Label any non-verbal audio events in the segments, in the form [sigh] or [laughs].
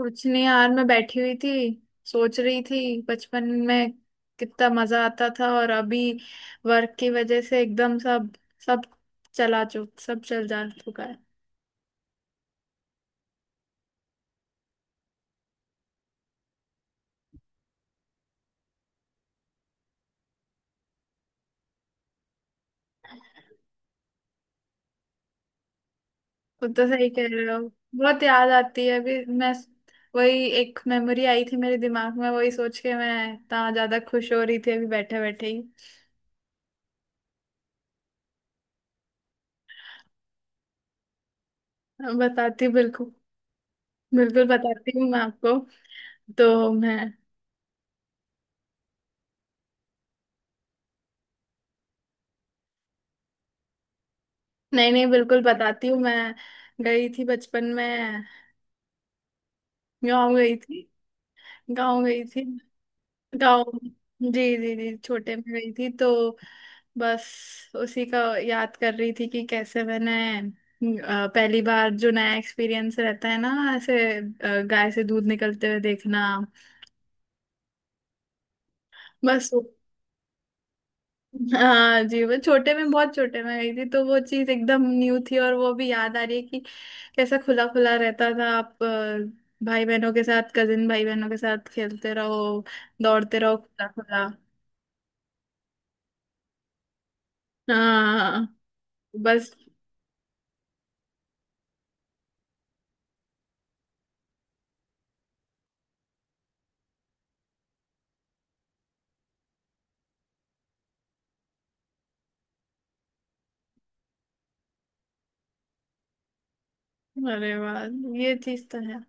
कुछ नहीं यार, मैं बैठी हुई थी। सोच रही थी बचपन में कितना मजा आता था। और अभी वर्क की वजह से एकदम सब सब चला चुक सब चल जा चुका है। वो तो सही कह रहे हो। बहुत याद आती है। अभी मैं वही एक मेमोरी आई थी मेरे दिमाग में, वही सोच के मैं इतना ज्यादा खुश हो रही थी अभी बैठे बैठे ही। बताती हूँ, बिल्कुल बिल्कुल बताती हूँ मैं आपको। तो मैं नहीं नहीं, बिल्कुल बताती हूँ मैं। गई थी बचपन में, गाँव गई थी। गांव गई थी। गांव। जी जी जी, छोटे में गई थी तो बस उसी का याद कर रही थी कि कैसे मैंने पहली बार जो नया एक्सपीरियंस रहता है ना, ऐसे गाय से दूध निकलते हुए देखना। बस वो- हाँ जी, वो छोटे में, बहुत छोटे में गई थी तो वो चीज एकदम न्यू थी। और वो भी याद आ रही है कि कैसा खुला खुला रहता था। आप भाई बहनों के साथ, कजिन भाई बहनों के साथ खेलते रहो, दौड़ते रहो खुला खुला। हाँ। बस। अरे वाह, ये चीज तो है।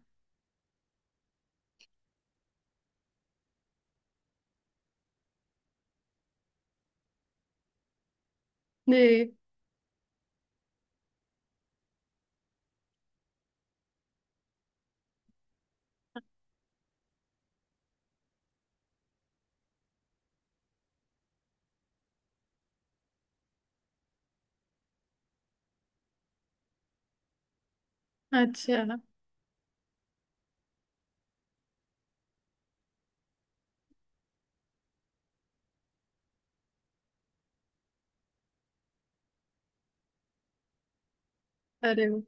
जी। अच्छा। अरे वाह।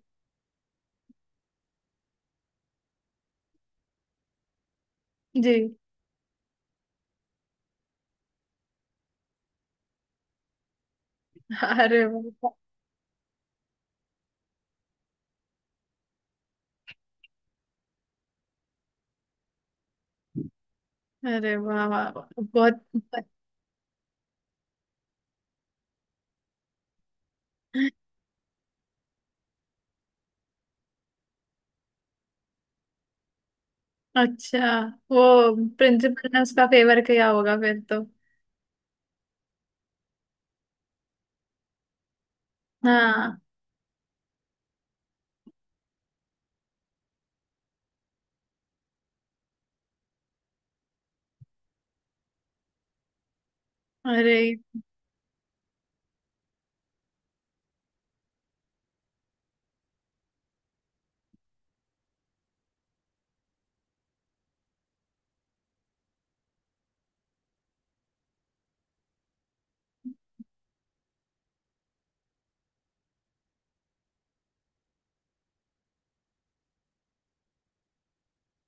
जी। अरे वाह। अरे वाह वाह वाह, बहुत अच्छा। वो प्रिंसिपल ने उसका फेवर किया होगा फिर तो। हाँ। अरे।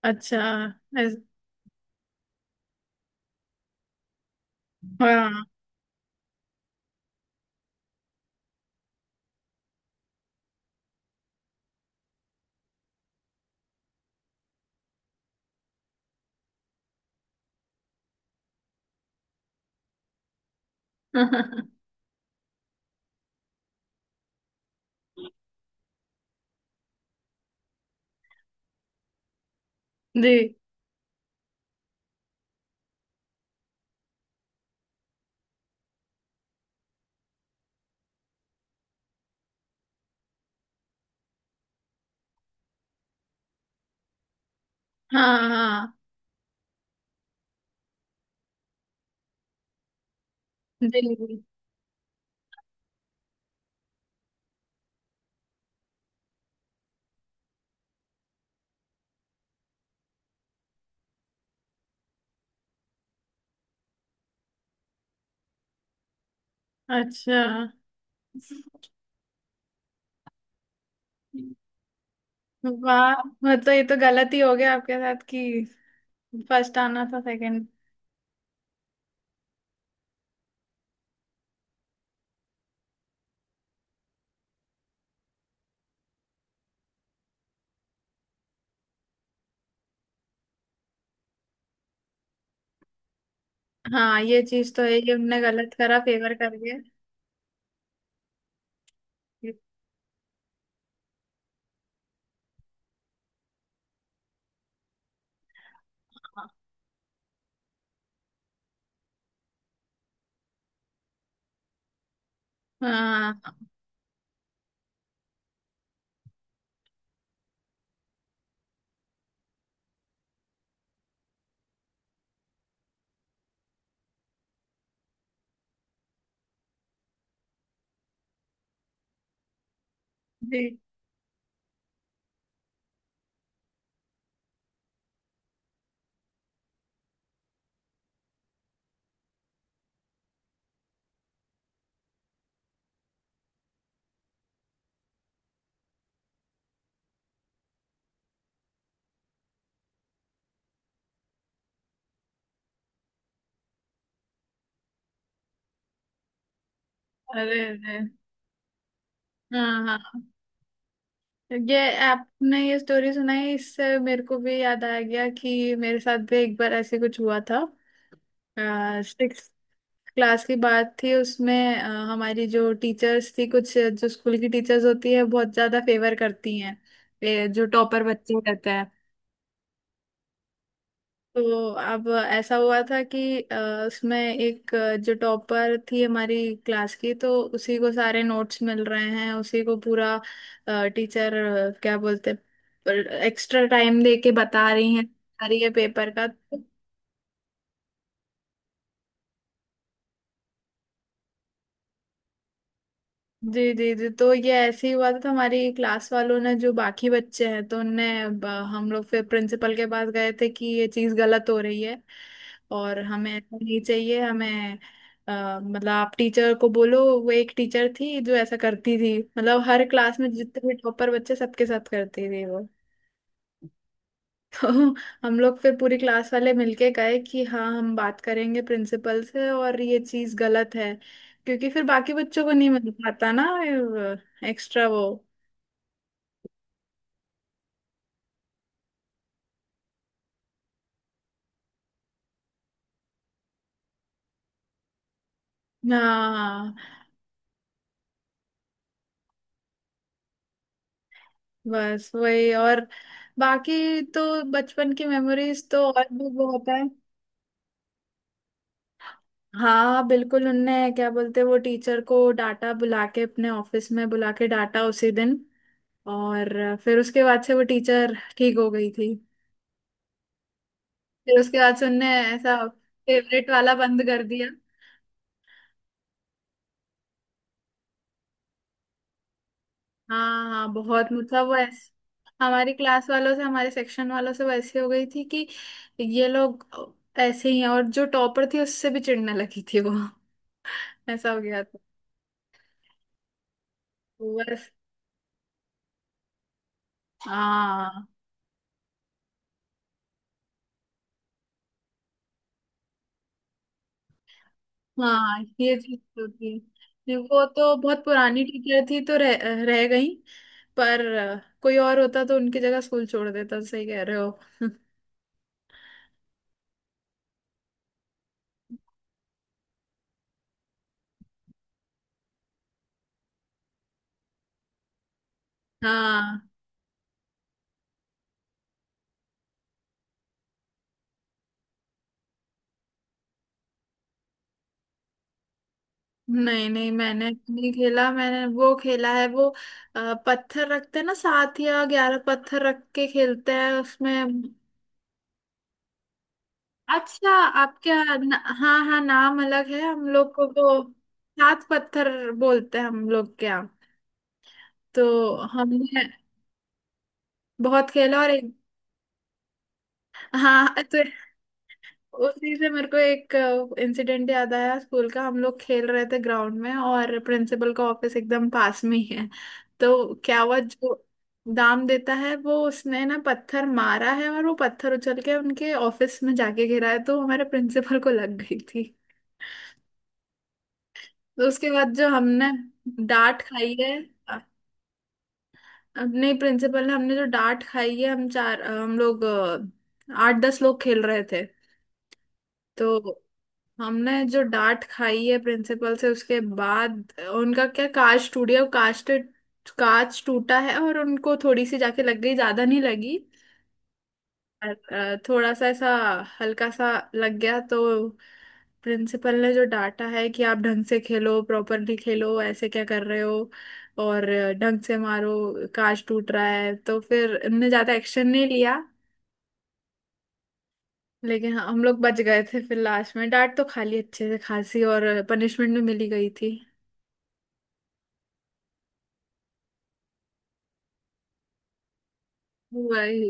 अच्छा। ऐस- हाँ। [laughs] जी। हाँ हाँ। जी। अच्छा। वाह, मतलब तो ये तो गलत ही हो गया आपके साथ कि फर्स्ट आना था, सेकंड। हाँ, ये चीज तो है, ये उनने गलत करा फेवर करके। हाँ। जी। अरे अरे। हाँ हाँ। ये आपने ये स्टोरी सुनाई इससे मेरे को भी याद आ गया कि मेरे साथ भी एक बार ऐसे कुछ हुआ था। सिक्स क्लास की बात थी। उसमें हमारी जो टीचर्स थी, कुछ जो स्कूल की टीचर्स होती है बहुत ज्यादा फेवर करती हैं ये जो टॉपर बच्चे रहते हैं। तो अब ऐसा हुआ था कि उसमें एक जो टॉपर थी हमारी क्लास की, तो उसी को सारे नोट्स मिल रहे हैं, उसी को पूरा टीचर अ, क्या बोलते एक्स्ट्रा टाइम दे के बता रही है, बता रही है पेपर का। तो जी जी जी, तो ये ऐसे ही हुआ था। तो हमारी क्लास वालों ने जो बाकी बच्चे हैं तो उनने ब- हम लोग फिर प्रिंसिपल के पास गए थे कि ये चीज़ गलत हो रही है और हमें ऐसा नहीं चाहिए, हमें मतलब आप टीचर को बोलो। वो एक टीचर थी जो ऐसा करती थी, मतलब हर क्लास में जितने भी टॉपर बच्चे सबके साथ करती थी। तो हम लोग फिर पूरी क्लास वाले मिलके गए कि हाँ, हम बात करेंगे प्रिंसिपल से और ये चीज गलत है क्योंकि फिर बाकी बच्चों को नहीं मिल पाता ना एक्स्ट्रा वो। हाँ, बस वही। और बाकी तो बचपन की मेमोरीज तो और भी बहुत है। हाँ बिल्कुल। उनने क्या बोलते हैं, वो टीचर को डाटा, बुला के अपने ऑफिस में बुला के डाटा उसी दिन। और फिर उसके बाद से वो टीचर ठीक हो गई थी। फिर उसके बाद से उनने ऐसा फेवरेट वाला बंद कर दिया। हाँ हाँ बहुत, मतलब वो ऐसे हमारी क्लास वालों से, हमारे सेक्शन वालों से वो ऐसी हो गई थी कि ये लोग ऐसे ही हैं। और जो टॉपर थी उससे भी चिढ़ने लगी थी वो। [laughs] ऐसा हो गया था। तो बस। हाँ हाँ, ये चीज होती है। ये वो तो बहुत पुरानी टीचर थी तो रह गई। पर कोई और होता तो उनकी जगह स्कूल छोड़ देता, सही कह रहे हो। [laughs] हाँ। नहीं नहीं, मैंने नहीं खेला। मैंने वो खेला है वो पत्थर रखते हैं ना, सात या 11 पत्थर रख के खेलते हैं उसमें। अच्छा। आपके यहाँ न, हाँ हाँ, नाम अलग है हम लोग को तो। सात पत्थर बोलते हैं हम लोग के यहाँ। तो हमने बहुत खेला। और एक हाँ, तो उसी से मेरे को एक इंसिडेंट याद आया स्कूल का। हम लोग खेल रहे थे ग्राउंड में और प्रिंसिपल का ऑफिस एकदम पास में ही है। तो क्या हुआ, जो दाम देता है वो उसने ना पत्थर मारा है और वो पत्थर उछल के उनके ऑफिस में जाके गिरा है तो हमारे प्रिंसिपल को लग गई थी। तो उसके बाद जो हमने डांट खाई है अपने प्रिंसिपल ने, हमने जो डांट खाई है। हम चार, हम लोग आठ दस लोग खेल रहे थे। तो हमने जो डांट खाई है प्रिंसिपल से, उसके बाद उनका क्या कांच टूट गया। कांच टूटा है और उनको थोड़ी सी जाके लग गई, ज्यादा नहीं लगी। और थोड़ा सा ऐसा हल्का सा लग गया तो प्रिंसिपल ने जो डांटा है कि आप ढंग से खेलो, प्रॉपरली खेलो, ऐसे क्या कर रहे हो और ढंग से मारो, कांच टूट रहा है। तो फिर इनने ज्यादा एक्शन नहीं लिया। लेकिन हम लोग बच गए थे फिर। लास्ट में डांट तो खा ली अच्छे से खासी और पनिशमेंट भी मिली गई थी। वही।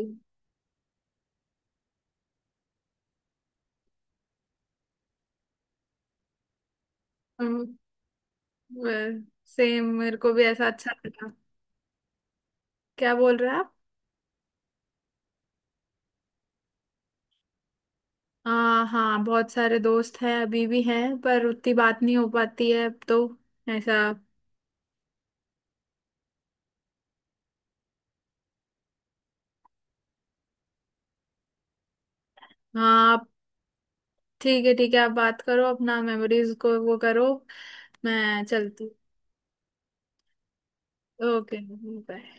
हम। सेम मेरे को भी ऐसा अच्छा लगा। क्या बोल रहे हैं आप? हाँ हाँ, बहुत सारे दोस्त हैं, अभी भी हैं, पर उतनी बात नहीं हो पाती है अब तो। ऐसा। हाँ। आप ठीक है, ठीक है आप बात करो, अपना मेमोरीज को वो करो। मैं चलती। ओके। बाय।